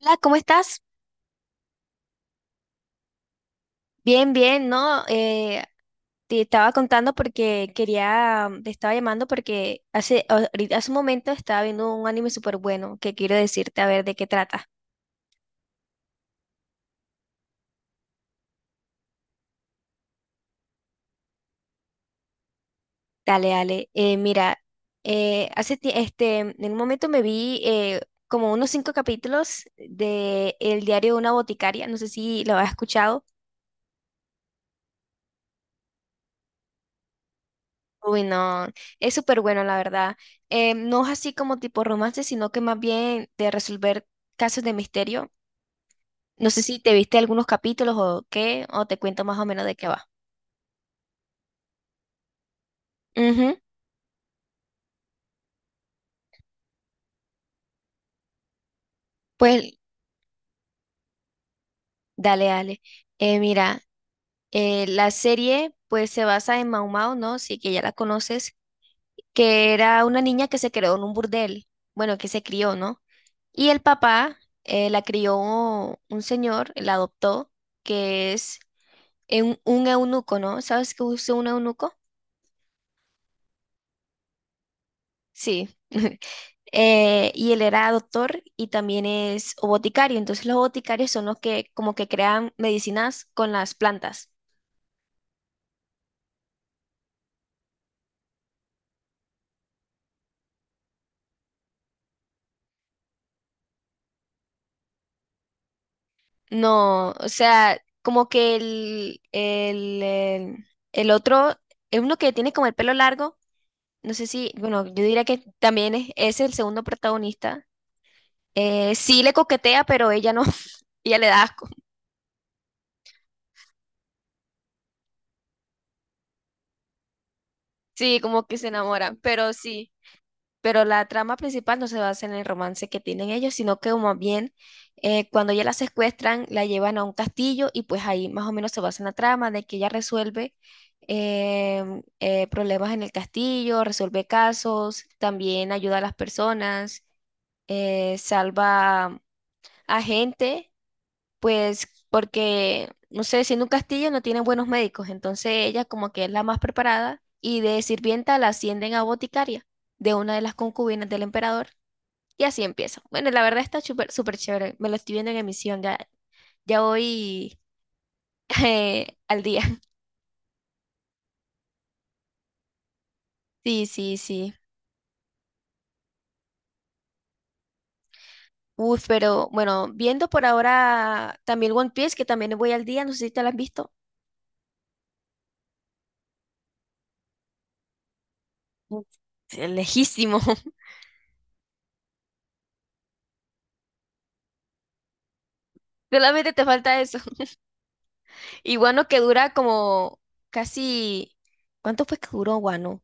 Hola, ¿cómo estás? Bien, bien, ¿no? Te estaba contando porque quería, te estaba llamando porque hace, hace un momento estaba viendo un anime súper bueno que quiero decirte a ver de qué trata. Dale, dale. Mira, en un momento me vi como unos 5 capítulos de El diario de una boticaria, no sé si lo has escuchado. Uy, no, es súper bueno, la verdad. No es así como tipo romance, sino que más bien de resolver casos de misterio. No sé si te viste algunos capítulos o qué, o te cuento más o menos de qué va. Ujú. Pues dale, dale. Eh, mira, la serie pues se basa en Mau Mau, ¿no? Sí, que ya la conoces, que era una niña que se creó en un burdel, bueno, que se crió, ¿no? Y el papá la crió un señor, la adoptó, que es un eunuco, ¿no? ¿Sabes qué es un eunuco? Sí. Y él era doctor y también es boticario. Entonces los boticarios son los que como que crean medicinas con las plantas. No, o sea, como que el otro, es uno que tiene como el pelo largo, no sé si, bueno, yo diría que también es el segundo protagonista. Sí le coquetea, pero ella no, ella le da asco. Sí, como que se enamora, pero sí. Pero la trama principal no se basa en el romance que tienen ellos, sino que más bien cuando ya la secuestran, la llevan a un castillo y pues ahí más o menos se basa en la trama de que ella resuelve problemas en el castillo, resuelve casos, también ayuda a las personas, salva a gente, pues porque, no sé, siendo un castillo no tienen buenos médicos, entonces ella como que es la más preparada y de sirvienta la ascienden a boticaria de una de las concubinas del emperador. Y así empiezo. Bueno, la verdad está súper súper chévere. Me lo estoy viendo en emisión. Ya, ya voy al día. Sí, sí, sí. Uf, pero bueno, viendo por ahora también One Piece, que también voy al día. No sé si te lo has visto. Uf, sí, es lejísimo. Solamente te falta eso. Y Wano que dura como casi... ¿Cuánto fue que duró Wano?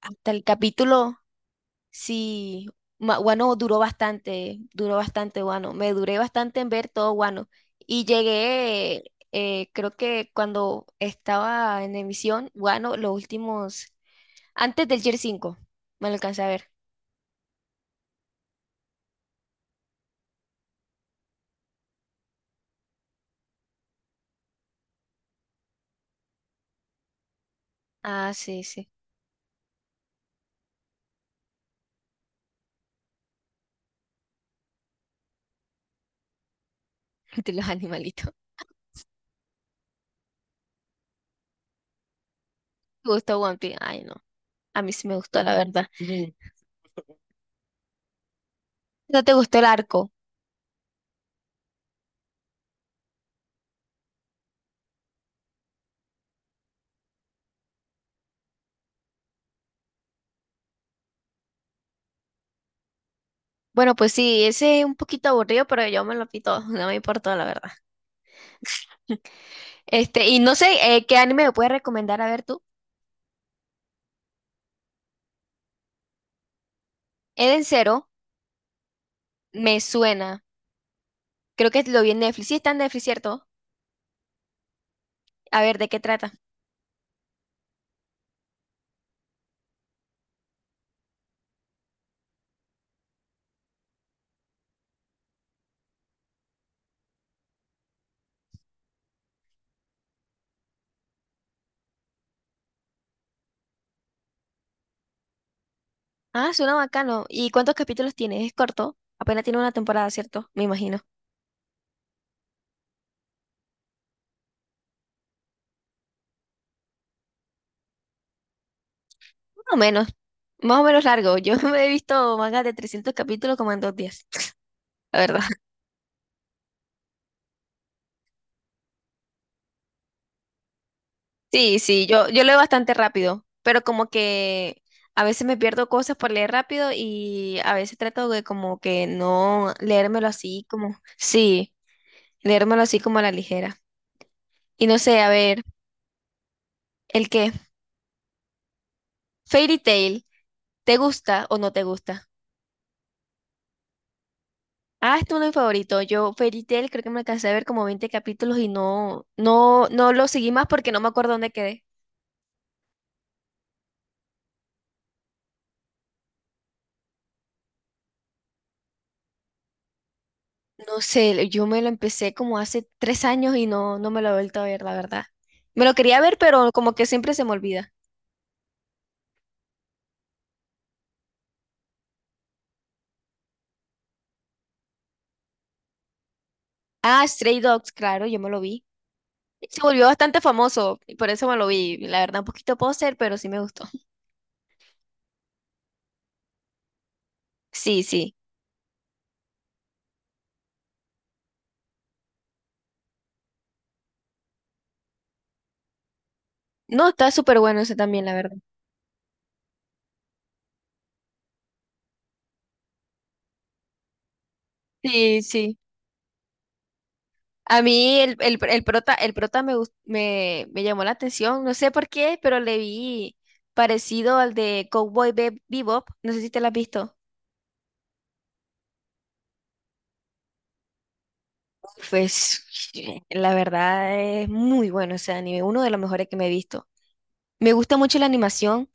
Hasta el capítulo... Sí, Guano duró bastante Guano. Me duré bastante en ver todo Guano. Y llegué, creo que cuando estaba en emisión, Guano, los últimos, antes del Year 5 me lo alcancé a ver. Ah, sí, sí, de los animalitos. ¿Te gustó One Piece? Ay, no, a mí sí me gustó, la verdad. ¿No te gustó el arco? Bueno, pues sí, ese es un poquito aburrido, pero yo me lo pito, no me importó, la verdad. Este, y no sé, ¿qué anime me puedes recomendar a ver tú? Eden. Me suena. Creo que lo vi en Netflix. Sí, está en Netflix, ¿cierto? A ver, ¿de qué trata? Ah, suena bacano. ¿Y cuántos capítulos tiene? Es corto. Apenas tiene una temporada, ¿cierto? Me imagino. Más o menos. Más o menos largo. Yo me he visto mangas de 300 capítulos como en 2 días. La verdad. Sí, sí, yo leo bastante rápido. Pero como que a veces me pierdo cosas por leer rápido y a veces trato de como que no leérmelo así como... Sí, leérmelo así como a la ligera. Y no sé, a ver, ¿el qué? Fairy Tail. ¿Te gusta o no te gusta? Ah, este es uno de mis favoritos. Yo Fairy Tail creo que me alcancé a ver como 20 capítulos y no, no, no lo seguí más porque no me acuerdo dónde quedé. No sé, yo me lo empecé como hace 3 años y no, no me lo he vuelto a ver, la verdad. Me lo quería ver, pero como que siempre se me olvida. Ah, Stray Dogs, claro, yo me lo vi. Se volvió bastante famoso, y por eso me lo vi. La verdad, un poquito poser, pero sí me gustó. Sí, sí. No, está súper bueno ese también, la verdad. Sí, sí. A mí el prota, el prota me, me llamó la atención, no sé por qué, pero le vi parecido al de Bebop, no sé si te lo has visto. Pues la verdad es muy bueno ese anime, uno de los mejores que me he visto. Me gusta mucho la animación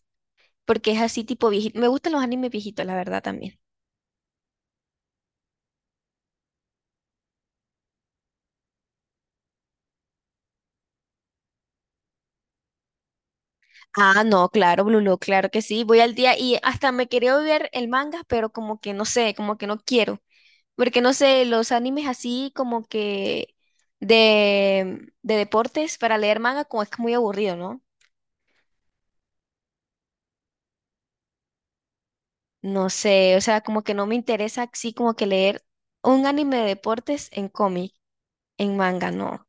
porque es así tipo viejito. Me gustan los animes viejitos, la verdad también. Ah, no, claro, Blue Lock, claro que sí. Voy al día y hasta me quería ver el manga, pero como que no sé, como que no quiero. Porque no sé, los animes así como que de deportes para leer manga como es que muy aburrido, ¿no? No sé, o sea, como que no me interesa así como que leer un anime de deportes en cómic, en manga, no.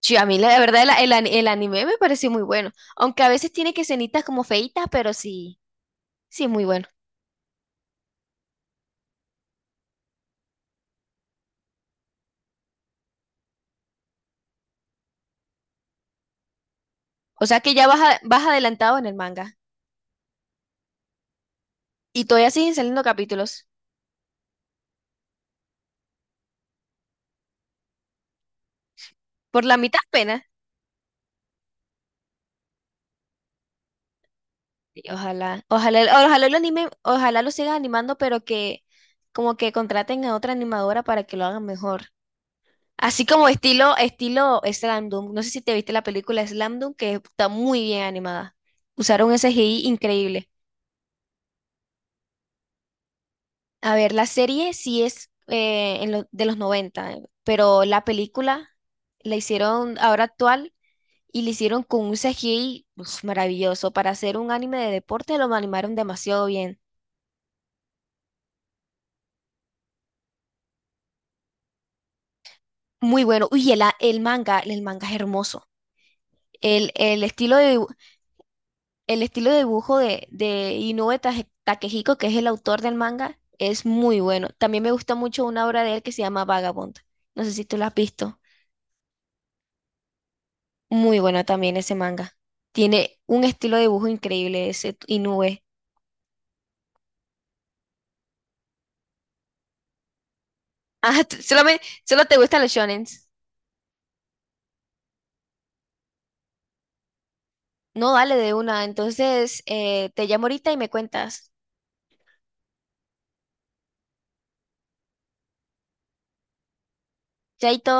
Sí, a mí la, la verdad el anime me pareció muy bueno, aunque a veces tiene que escenitas como feitas, pero sí, sí es muy bueno. O sea que ya vas, vas adelantado en el manga y todavía siguen saliendo capítulos por la mitad apenas. Sí, ojalá, ojalá, ojalá lo anime, ojalá lo sigan animando, pero que como que contraten a otra animadora para que lo hagan mejor. Así como estilo, estilo Slam Dunk. No sé si te viste la película Slam Dunk, que está muy bien animada. Usaron ese CGI increíble. A ver, la serie sí es de los 90, pero la película la hicieron ahora actual y la hicieron con un CGI uf, maravilloso. Para hacer un anime de deporte lo animaron demasiado bien. Muy bueno. Uy, el manga es hermoso. El, el estilo de, dibu- el estilo de dibujo de Inoue Takehiko, que es el autor del manga, es muy bueno. También me gusta mucho una obra de él que se llama Vagabond. No sé si tú la has visto. Muy bueno también ese manga. Tiene un estilo de dibujo increíble ese Inoue. Solamente, solo te gustan los shonens. No, dale de una. Entonces, te llamo ahorita y me cuentas. Chaito.